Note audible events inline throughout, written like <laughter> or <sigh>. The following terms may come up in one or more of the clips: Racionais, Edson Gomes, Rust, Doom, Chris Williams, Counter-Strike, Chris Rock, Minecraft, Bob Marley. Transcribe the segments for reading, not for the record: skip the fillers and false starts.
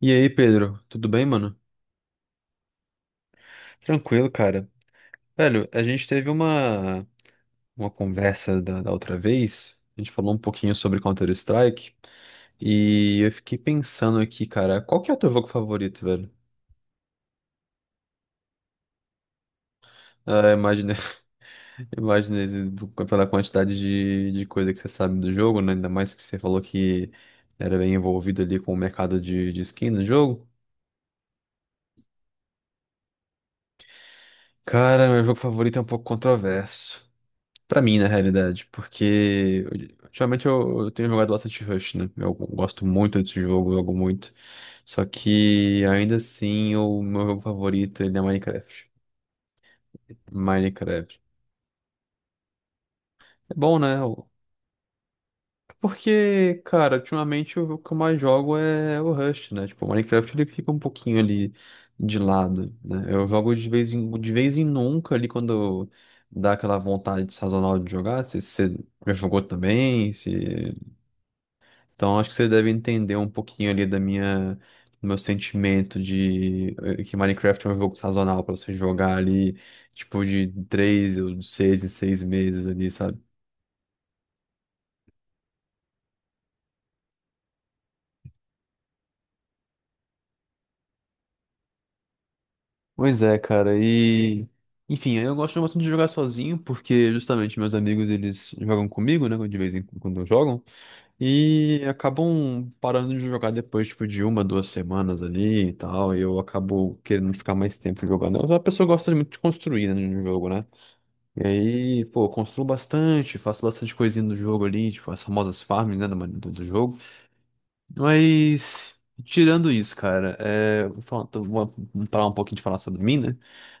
E aí, Pedro, tudo bem, mano? Tranquilo, cara. Velho, a gente teve uma conversa da outra vez. A gente falou um pouquinho sobre Counter-Strike, e eu fiquei pensando aqui, cara, qual que é o teu jogo favorito, velho? Ah, imaginei. <laughs> Imaginei pela quantidade de coisa que você sabe do jogo, né? Ainda mais que você falou que era bem envolvido ali com o mercado de skin no jogo. Cara, meu jogo favorito é um pouco controverso pra mim, na realidade, porque ultimamente eu tenho jogado bastante Rush, né? Eu gosto muito desse jogo, eu jogo muito. Só que ainda assim, o meu jogo favorito ele é Minecraft. Minecraft. É bom, né? O- Porque, cara, ultimamente o jogo que eu mais jogo é o Rust, né? Tipo, o Minecraft ele fica um pouquinho ali de lado, né? Eu jogo de vez em nunca ali quando dá aquela vontade sazonal de jogar. Se você já jogou também, se. Então, acho que você deve entender um pouquinho ali da minha, do meu sentimento de que Minecraft é um jogo sazonal pra você jogar ali, tipo, de 3 ou de 6 em 6 meses ali, sabe? Pois é, cara, e... Enfim, eu gosto bastante de jogar sozinho, porque justamente meus amigos, eles jogam comigo, né, de vez em quando jogam, e acabam parando de jogar depois, tipo, de uma, 2 semanas ali e tal, e eu acabo querendo ficar mais tempo jogando. Eu sou uma pessoa que gosta muito de construir, né, no jogo, né? E aí, pô, eu construo bastante, faço bastante coisinha no jogo ali, tipo, as famosas farms, né, do jogo. Mas, tirando isso, cara, é, vou falar, tô- vou vamos parar um pouquinho de falar sobre mim, né?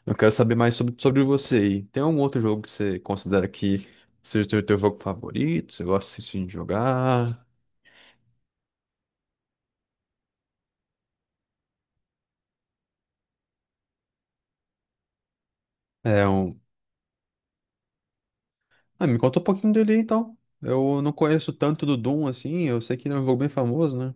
Eu quero saber mais sobre você aí. Tem algum outro jogo que você considera que seja o teu jogo favorito? Você gosta assim, de jogar? É um... Ah, me conta um pouquinho dele aí, então. Eu não conheço tanto do Doom, assim, eu sei que ele é um jogo bem famoso, né?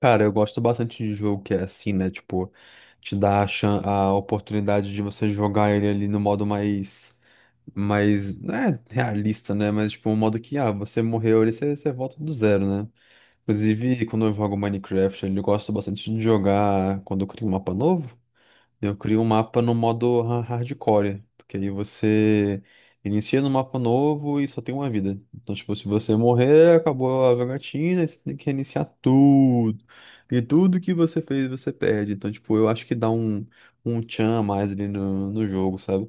Cara, eu gosto bastante de jogo que é assim, né? Tipo, te dá a oportunidade de você jogar ele ali no modo mais, mais, né, realista, né? Mas, tipo, um modo que, ah, você morreu ali, você volta do zero, né? Inclusive, quando eu jogo Minecraft, ali, eu gosto bastante de jogar quando eu crio um mapa novo. Eu crio um mapa no modo hardcore, porque aí você inicia no mapa novo e só tem uma vida. Então, tipo, se você morrer, acabou a jogatina, e você tem que reiniciar tudo. E tudo que você fez, você perde. Então, tipo, eu acho que dá um tchan a mais ali no jogo, sabe?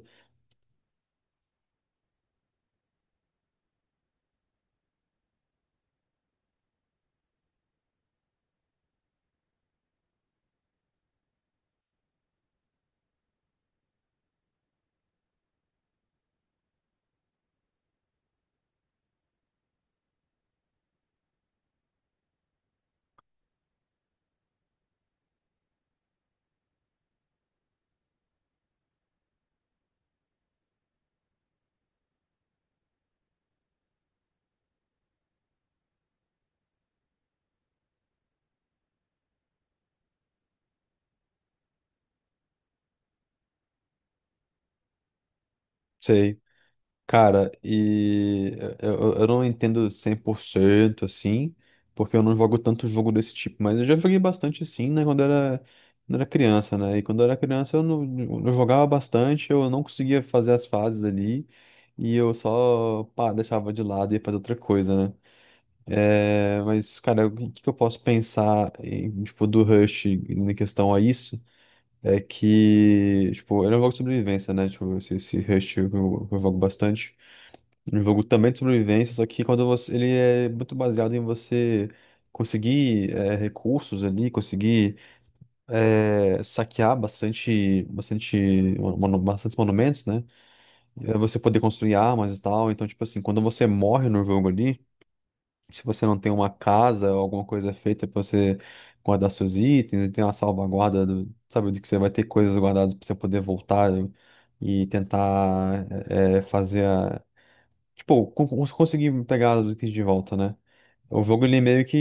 Sei. Cara, e eu não entendo 100% assim, porque eu não jogo tanto jogo desse tipo, mas eu já joguei bastante assim, né, quando era criança, né? E quando eu era criança eu, não, eu jogava bastante, eu não conseguia fazer as fases ali, e eu só, pá, deixava de lado e ia fazer outra coisa, né? É, mas, cara, o que, que eu posso pensar em, tipo, do Rush em questão a isso? É que, tipo, ele é um jogo de sobrevivência, né? Tipo, esse Rush eu jogo bastante. Um jogo também de sobrevivência, só que quando você, ele é muito baseado em você conseguir recursos ali, conseguir saquear bastante, bastante, bastantes monumentos, né? Você poder construir armas e tal. Então, tipo assim, quando você morre no jogo ali, se você não tem uma casa ou alguma coisa feita pra você guardar seus itens, e tem uma salvaguarda do, sabe, de que você vai ter coisas guardadas pra você poder voltar e tentar fazer, tipo, conseguir pegar os itens de volta, né? O jogo ele meio que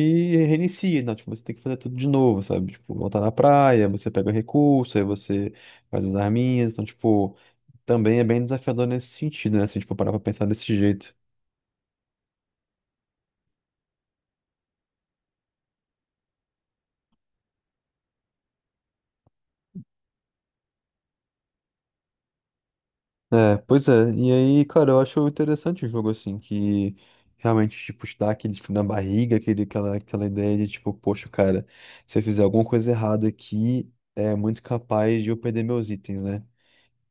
reinicia, né? Tipo, você tem que fazer tudo de novo, sabe? Tipo, voltar na praia, você pega o recurso, aí você faz as arminhas. Então, tipo, também é bem desafiador nesse sentido, né? Se a gente for parar pra pensar desse jeito. É, pois é. E aí, cara, eu acho interessante o jogo, assim, que realmente, tipo, te dá aquele frio na barriga, aquela ideia de, tipo, poxa, cara, se eu fizer alguma coisa errada aqui, é muito capaz de eu perder meus itens, né?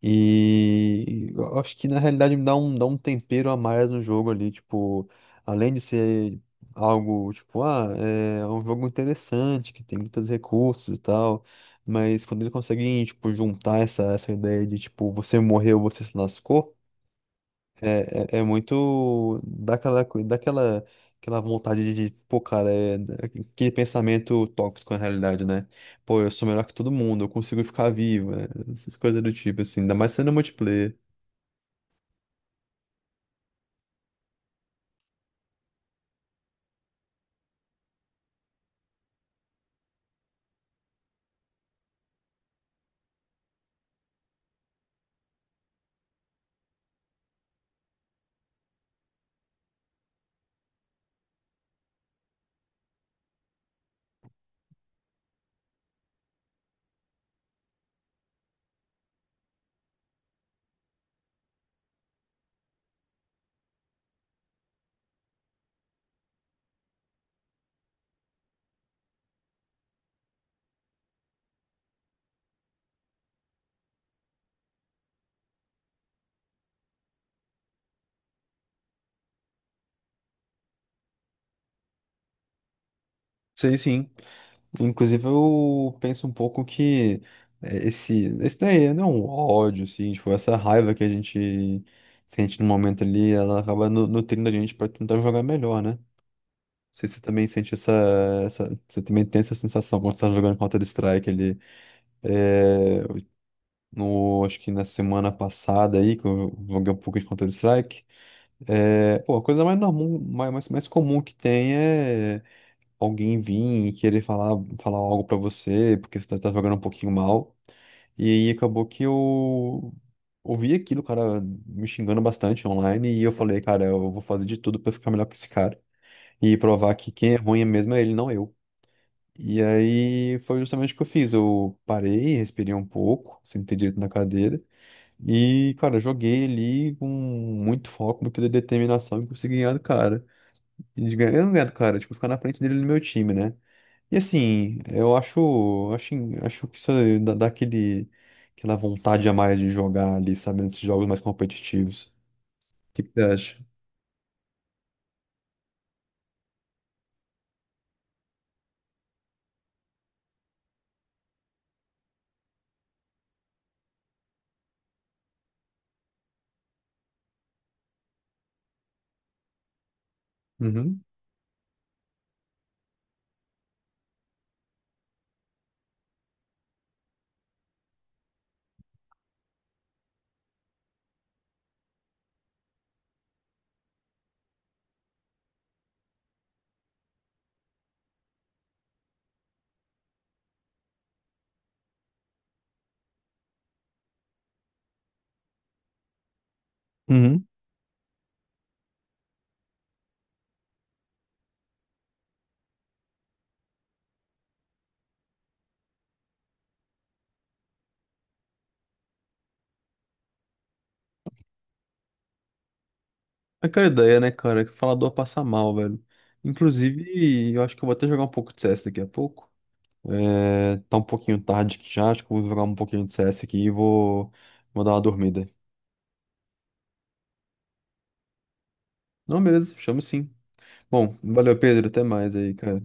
E eu acho que na realidade me dá um tempero a mais no jogo ali, tipo, além de ser algo, tipo, ah, é um jogo interessante, que tem muitos recursos e tal, mas quando ele consegue, tipo, juntar essa ideia de, tipo, você morreu, você se lascou. É muito daquela, coi- daquela aquela vontade de, pô, cara, aquele pensamento tóxico na realidade, né? Pô, eu sou melhor que todo mundo, eu consigo ficar vivo, né? Essas coisas do tipo, assim, ainda mais sendo multiplayer. Sei sim. Inclusive, eu penso um pouco que esse daí não é um ódio, assim, tipo, essa raiva que a gente sente no momento ali, ela acaba nutrindo a gente pra tentar jogar melhor, né? Sei se você também sente essa. Você também tem essa sensação quando você tá jogando Counter-Strike ali. É, no, acho que na semana passada aí, que eu joguei um pouco de Counter-Strike. É, pô, a coisa mais normal, mais comum que tem é alguém vir e querer falar algo pra você, porque você tá jogando um pouquinho mal. E aí acabou que eu ouvi aquilo, o cara me xingando bastante online, e eu falei, cara, eu vou fazer de tudo pra ficar melhor que esse cara. E provar que quem é ruim mesmo é ele, não eu. E aí foi justamente o que eu fiz. Eu parei, respirei um pouco, sentei direito na cadeira e, cara, joguei ali com muito foco, muita determinação e consegui ganhar do cara. E de ganhar, eu não ganhar do cara, tipo, ficar na frente dele no meu time, né? E assim, eu acho que isso dá aquela vontade a mais de jogar ali, sabe, nesses jogos mais competitivos. O que que você acha? Uhum. Uhum. Aquela ideia, né, cara, que falador passa mal, velho. Inclusive, eu acho que eu vou até jogar um pouco de CS daqui a pouco. É, tá um pouquinho tarde aqui já. Acho que eu vou jogar um pouquinho de CS aqui e vou dar uma dormida. Não, beleza, chamo sim. Bom, valeu, Pedro, até mais aí, cara.